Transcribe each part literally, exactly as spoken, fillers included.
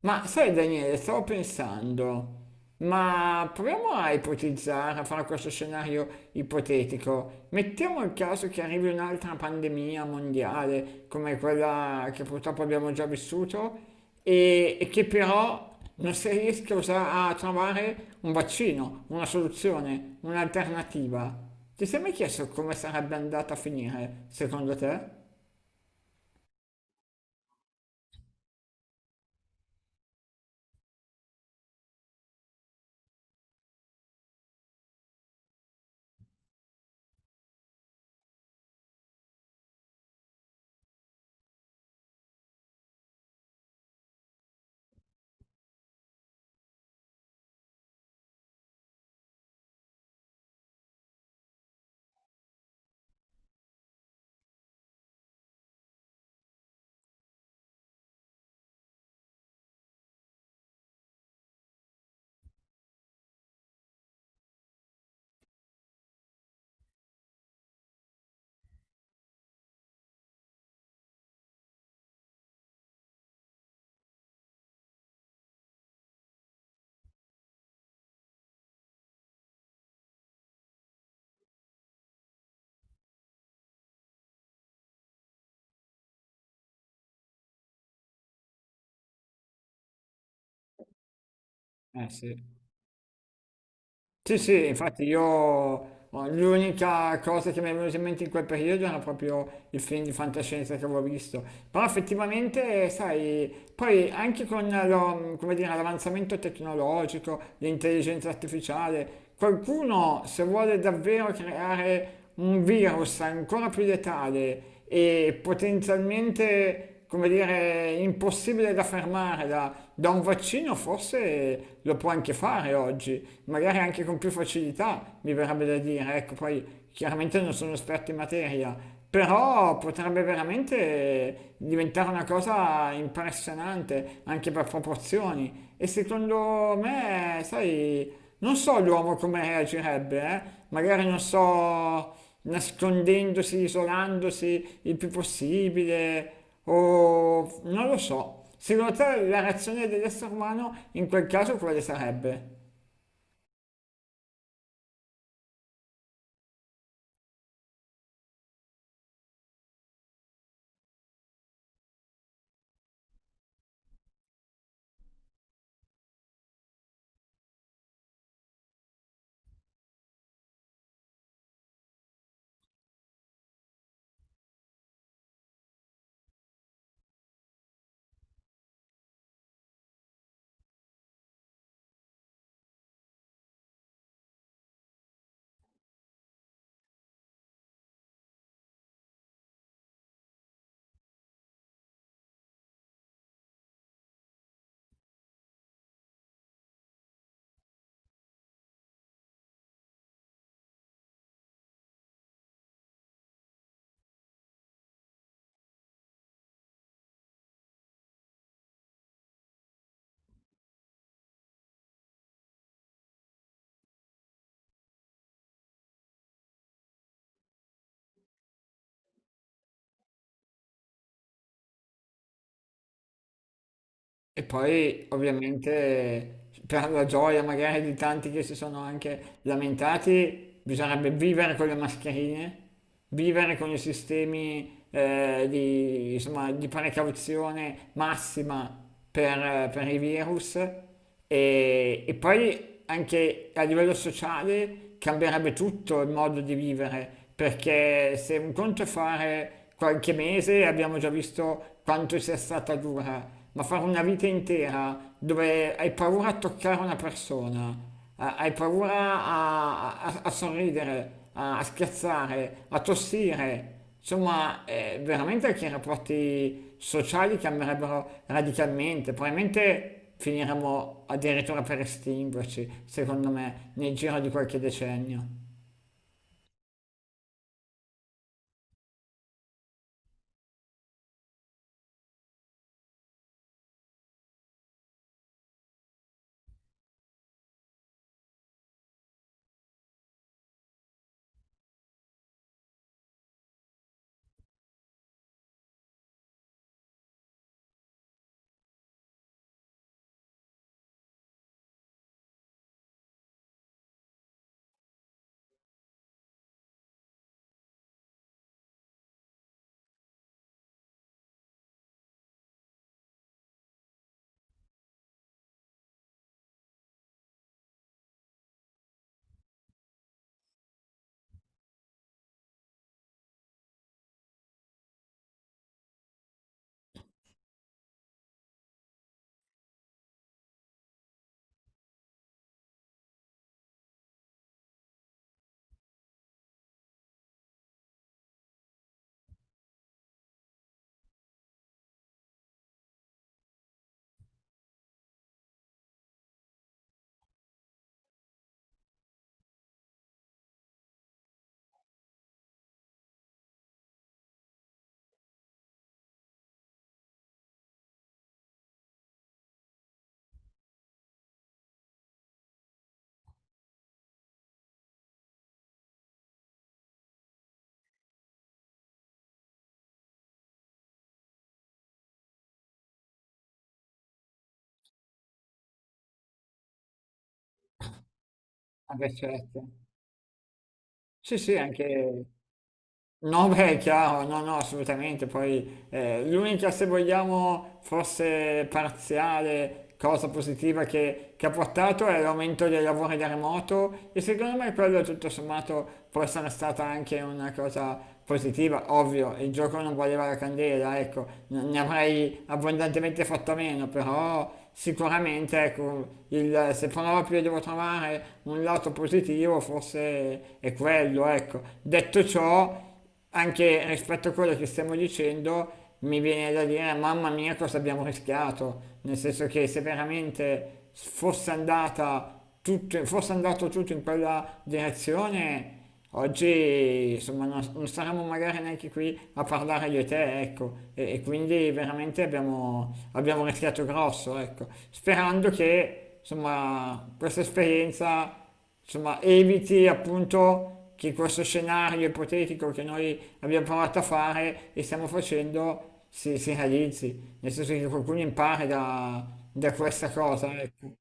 Ma sai Daniele, stavo pensando, ma proviamo a ipotizzare, a fare questo scenario ipotetico. Mettiamo il caso che arrivi un'altra pandemia mondiale come quella che purtroppo abbiamo già vissuto e, e che però non si riesca a usa- a trovare un vaccino, una soluzione, un'alternativa. Ti sei mai chiesto come sarebbe andata a finire, secondo te? Eh sì. Sì, sì, infatti io oh, l'unica cosa che mi è venuta in mente in quel periodo era proprio il film di fantascienza che avevo visto. Però effettivamente, sai, poi anche con lo- come dire, l'avanzamento tecnologico, l'intelligenza artificiale, qualcuno se vuole davvero creare un virus ancora più letale e potenzialmente come dire, impossibile da fermare da, da un vaccino, forse lo può anche fare oggi, magari anche con più facilità, mi verrebbe da dire. Ecco, poi chiaramente non sono esperto in materia, però potrebbe veramente diventare una cosa impressionante anche per proporzioni. E secondo me, sai, non so l'uomo come reagirebbe, eh? Magari non so, nascondendosi, isolandosi il più possibile. O non lo so. Secondo te la reazione dell'essere umano in quel caso quale sarebbe? E poi, ovviamente, per la gioia magari di tanti che si sono anche lamentati, bisognerebbe vivere con le mascherine, vivere con i sistemi eh, di, insomma, di precauzione massima per, per i virus e, e poi anche a livello sociale cambierebbe tutto il modo di vivere, perché se un conto è fare qualche mese, abbiamo già visto quanto sia stata dura, ma fare una vita intera dove hai paura a toccare una persona, a- hai paura a, a- a sorridere, a, a scherzare, a tossire, insomma, eh, veramente che i rapporti sociali cambierebbero radicalmente, probabilmente finiremmo addirittura per estinguerci, secondo me, nel giro di qualche decennio. Vabbè, certo. Sì, sì, anche no, beh, è chiaro, no, no, assolutamente. Poi eh, l'unica, se vogliamo, forse parziale cosa positiva che, che ha portato è l'aumento dei lavori da remoto e secondo me quello tutto sommato può essere stata anche una cosa positiva. Ovvio, il gioco non valeva la candela, ecco, ne ne avrei abbondantemente fatto a meno, però sicuramente ecco, il- se proprio devo trovare un lato positivo, forse è quello, ecco. Detto ciò, anche rispetto a quello che stiamo dicendo, mi viene da dire, mamma mia, cosa abbiamo rischiato, nel senso che se veramente fosse andata tutto, fosse andato tutto in quella direzione, oggi insomma non, non saremmo magari neanche qui a parlare io e te, ecco, e, e quindi veramente abbiamo, abbiamo rischiato grosso, ecco, sperando che insomma questa esperienza insomma, eviti appunto che questo scenario ipotetico che noi abbiamo provato a fare e stiamo facendo si, si realizzi, nel senso che qualcuno impari da, da questa cosa, ecco.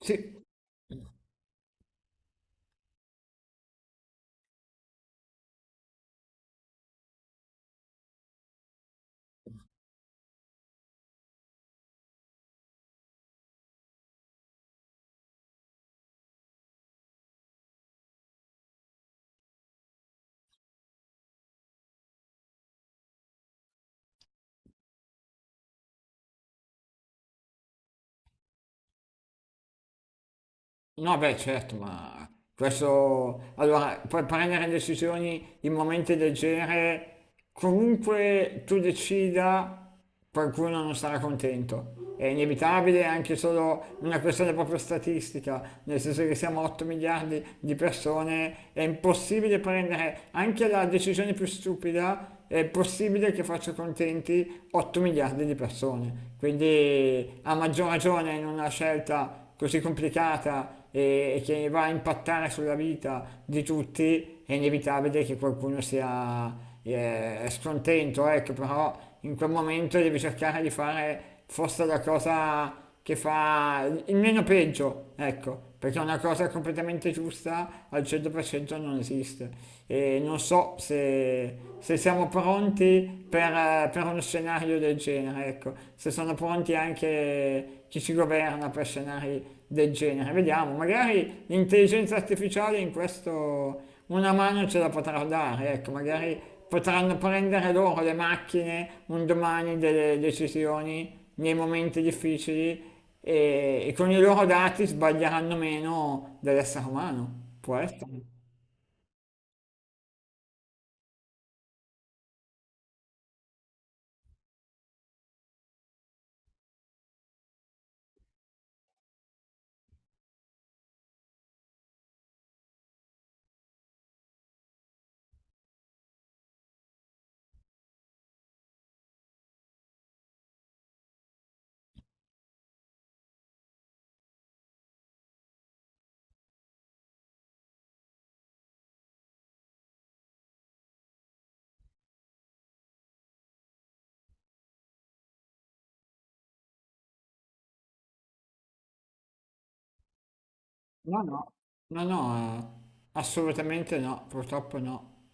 Sì. No, beh, certo, ma questo... Allora, puoi prendere decisioni in momenti del genere, comunque tu decida, qualcuno non sarà contento. È inevitabile, è anche solo una questione proprio statistica, nel senso che siamo otto miliardi di persone, è impossibile prendere anche la decisione più stupida, è possibile che faccia contenti otto miliardi di persone. Quindi, a maggior ragione, in una scelta così complicata e che va a impattare sulla vita di tutti, è inevitabile che qualcuno sia eh, scontento, ecco, però in quel momento devi cercare di fare forse la cosa che fa il meno peggio, ecco, perché una cosa completamente giusta al cento per cento non esiste. E non so se, se siamo pronti per, per uno scenario del genere, ecco, se sono pronti anche chi ci governa per scenari del genere. Vediamo, magari l'intelligenza artificiale in questo una mano ce la potrà dare, ecco, magari potranno prendere loro le macchine un domani delle decisioni nei momenti difficili e, e con i loro dati sbaglieranno meno dell'essere umano. Può essere? No, no, no, no, eh, assolutamente no, purtroppo no.